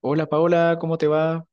Hola Paola, ¿cómo te va?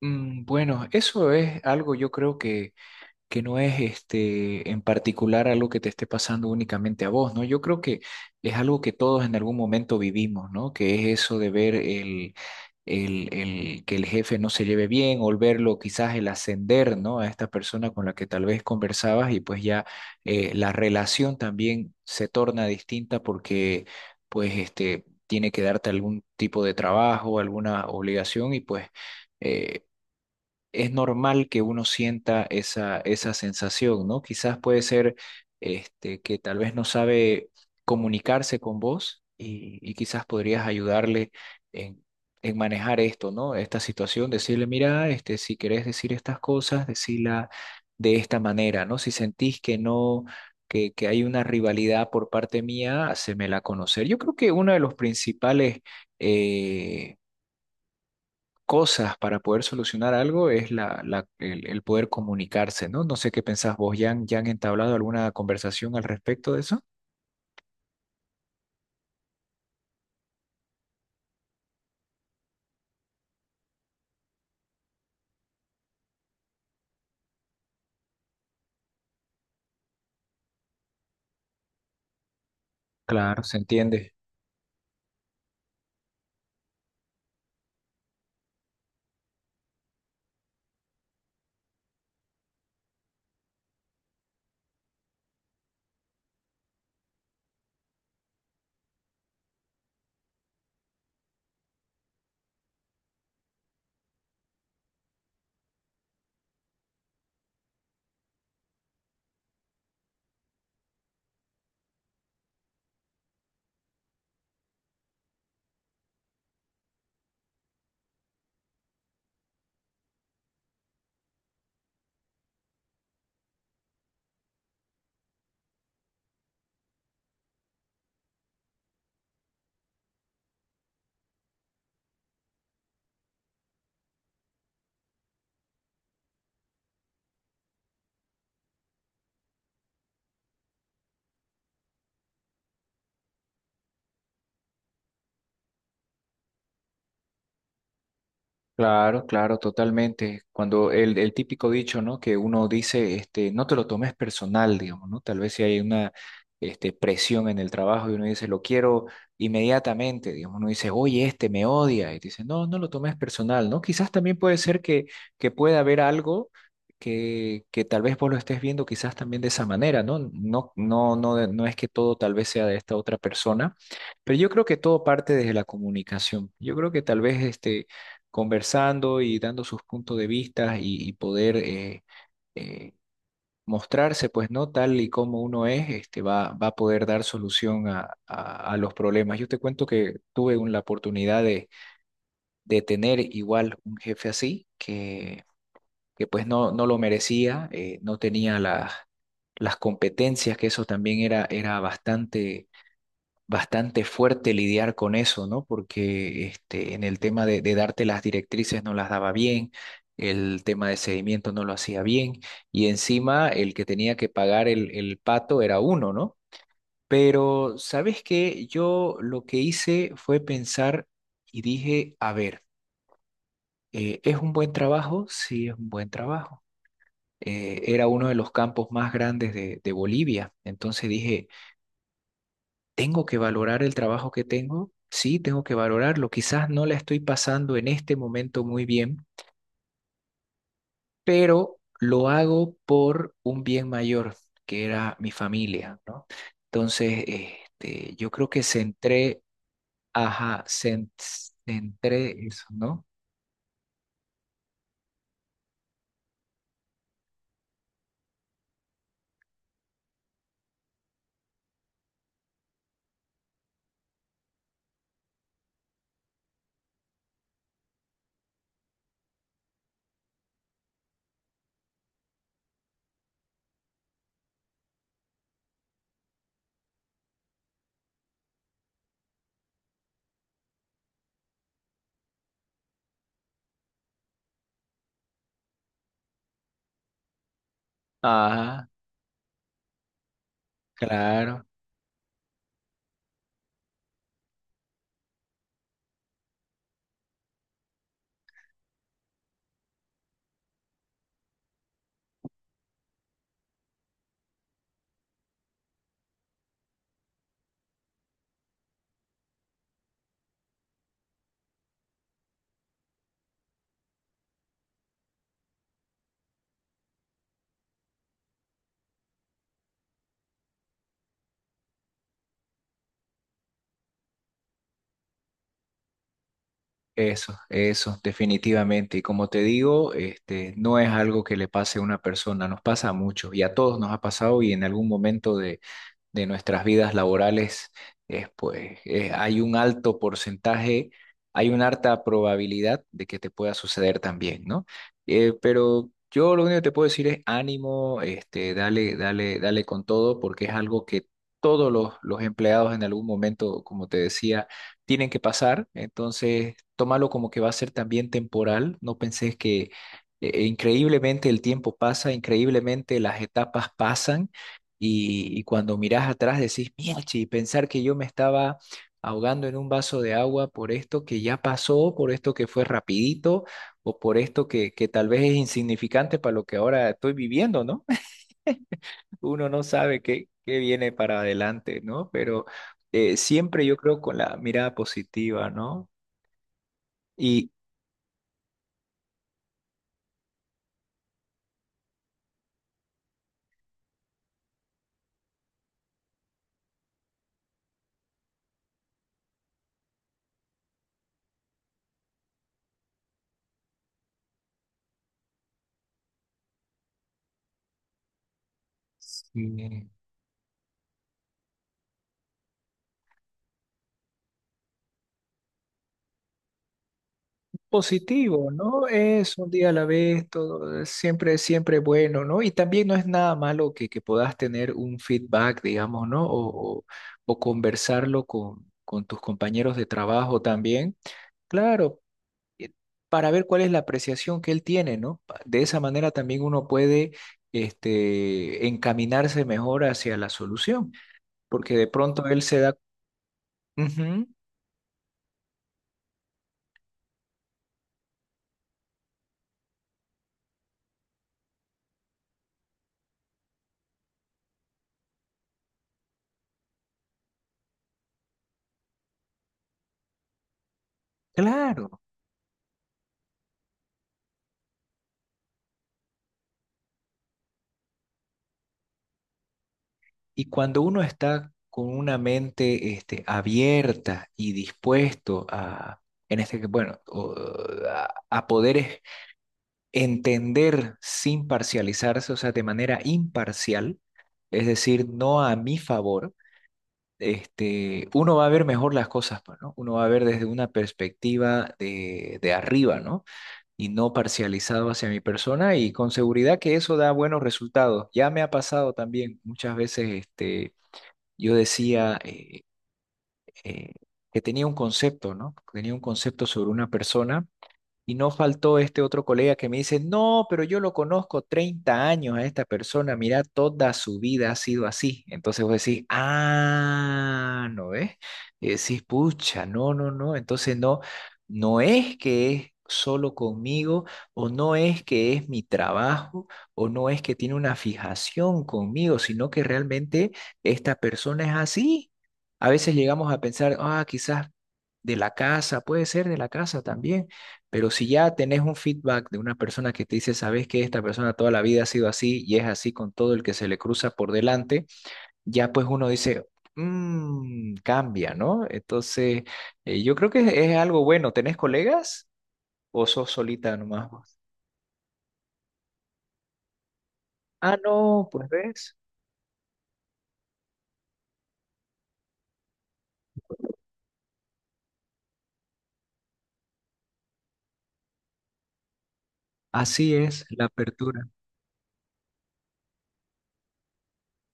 Bueno, eso es algo yo creo que no es este, en particular algo que te esté pasando únicamente a vos, ¿no? Yo creo que es algo que todos en algún momento vivimos, ¿no? Que es eso de ver el que el jefe no se lleve bien o el verlo, quizás el ascender, ¿no? A esta persona con la que tal vez conversabas y pues ya la relación también se torna distinta porque pues este tiene que darte algún tipo de trabajo, alguna obligación y pues... eh, es normal que uno sienta esa sensación, ¿no? Quizás puede ser este, que tal vez no sabe comunicarse con vos y quizás podrías ayudarle en, en manejar esto, ¿no? Esta situación, decirle, mira, este, si querés decir estas cosas, decila de esta manera, ¿no? Si sentís que no. Que hay una rivalidad por parte mía, hacémela conocer. Yo creo que uno de los principales eh, cosas para poder solucionar algo es el poder comunicarse, ¿no? No sé qué pensás vos, ¿ya han entablado alguna conversación al respecto de eso? Claro, se entiende. Claro, claro, totalmente. Cuando el típico dicho, ¿no? Que uno dice, este, no te lo tomes personal, digamos, ¿no? Tal vez si hay una, este, presión en el trabajo y uno dice, lo quiero inmediatamente, digamos, uno dice, oye, este me odia, y te dice, no, no lo tomes personal, ¿no? Quizás también puede ser que pueda haber algo que tal vez vos lo estés viendo quizás también de esa manera, ¿no? No, no, no, no es que todo tal vez sea de esta otra persona. Pero yo creo que todo parte desde la comunicación. Yo creo que tal vez este, conversando y dando sus puntos de vista y poder eh, mostrarse, pues no tal y como uno es, este, va, va a poder dar solución a los problemas. Yo te cuento que tuve la oportunidad de tener igual un jefe así, que pues no, no lo merecía, no tenía las competencias, que eso también era bastante fuerte lidiar con eso, ¿no? Porque este, en el tema de darte las directrices no las daba bien, el tema de seguimiento no lo hacía bien, y encima el que tenía que pagar el pato era uno, ¿no? Pero, ¿sabes qué? Yo lo que hice fue pensar y dije, a ver, ¿es un buen trabajo? Sí, es un buen trabajo. Era uno de los campos más grandes de Bolivia. Entonces dije, tengo que valorar el trabajo que tengo, sí, tengo que valorarlo. Quizás no la estoy pasando en este momento muy bien, pero lo hago por un bien mayor, que era mi familia, ¿no? Entonces, este, yo creo que centré, ajá, centré eso, ¿no? Ajá, claro. Eso, definitivamente. Y como te digo, este, no es algo que le pase a una persona, nos pasa a muchos y a todos nos ha pasado y en algún momento de nuestras vidas laborales, es, pues hay un alto porcentaje, hay una alta probabilidad de que te pueda suceder también, ¿no? Pero yo lo único que te puedo decir es ánimo, este, dale, dale, dale con todo, porque es algo que todos los empleados en algún momento, como te decía, tienen que pasar. Entonces, tómalo como que va a ser también temporal. No penses que increíblemente el tiempo pasa, increíblemente las etapas pasan y cuando mirás atrás decís, mierda, pensar que yo me estaba ahogando en un vaso de agua por esto que ya pasó, por esto que fue rapidito, o por esto que tal vez es insignificante para lo que ahora estoy viviendo, ¿no? Uno no sabe qué viene para adelante, ¿no? Pero siempre yo creo con la mirada positiva, ¿no? Y, Sí. Positivo, ¿no? Es un día a la vez, todo es siempre, siempre bueno, ¿no? Y también no es nada malo que puedas tener un feedback, digamos, ¿no? O conversarlo con tus compañeros de trabajo también. Claro, eh, para ver cuál es la apreciación que él tiene, ¿no? De esa manera también uno puede, este, encaminarse mejor hacia la solución, porque de pronto él se da. Ujú, claro. Y cuando uno está con una mente este, abierta y dispuesto a, en este, bueno, a poder entender sin parcializarse, o sea, de manera imparcial, es decir, no a mi favor, este, uno va a ver mejor las cosas, pues, ¿no? Uno va a ver desde una perspectiva de arriba, ¿no? Y no parcializado hacia mi persona y con seguridad que eso da buenos resultados. Ya me ha pasado también muchas veces, este yo decía eh, que tenía un concepto, ¿no? Tenía un concepto sobre una persona y no faltó este otro colega que me dice, no, pero yo lo conozco 30 años a esta persona, mira, toda su vida ha sido así. Entonces vos decís, ah, ¿no ves? Y decís, pucha, no, no, no. Entonces no, no es que es solo conmigo, o no es que es mi trabajo, o no es que tiene una fijación conmigo, sino que realmente esta persona es así. A veces llegamos a pensar, ah, quizás de la casa, puede ser de la casa también, pero si ya tenés un feedback de una persona que te dice, sabes que esta persona toda la vida ha sido así y es así con todo el que se le cruza por delante, ya pues uno dice, Mm, cambia, ¿no? Entonces, yo creo que es algo bueno. ¿Tenés colegas o sos solita nomás, vos? Ah, no, pues ves. Así es la apertura.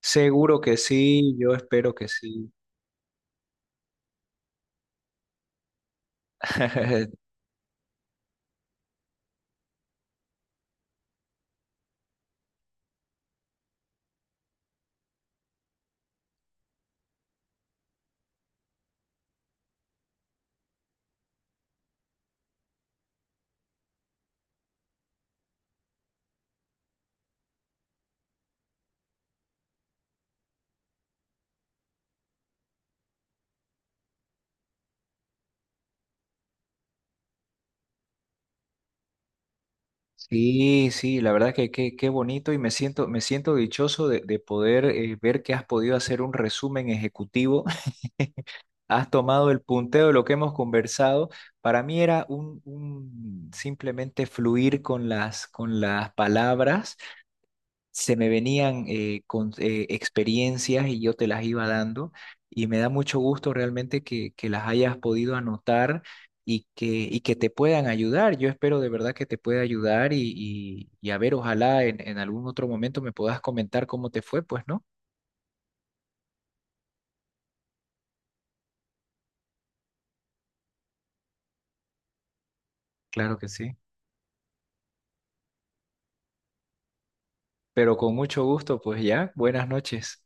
Seguro que sí, yo espero que sí. Sí, sí, la verdad que qué bonito y me siento dichoso de poder ver que has podido hacer un resumen ejecutivo. Has tomado el punteo de lo que hemos conversado. Para mí era un simplemente fluir con las palabras se me venían con experiencias y yo te las iba dando y me da mucho gusto realmente que las hayas podido anotar y que te puedan ayudar. Yo espero de verdad que te pueda ayudar y a ver, ojalá en algún otro momento me puedas comentar cómo te fue, pues, ¿no? Claro que sí. Pero con mucho gusto, pues ya, buenas noches.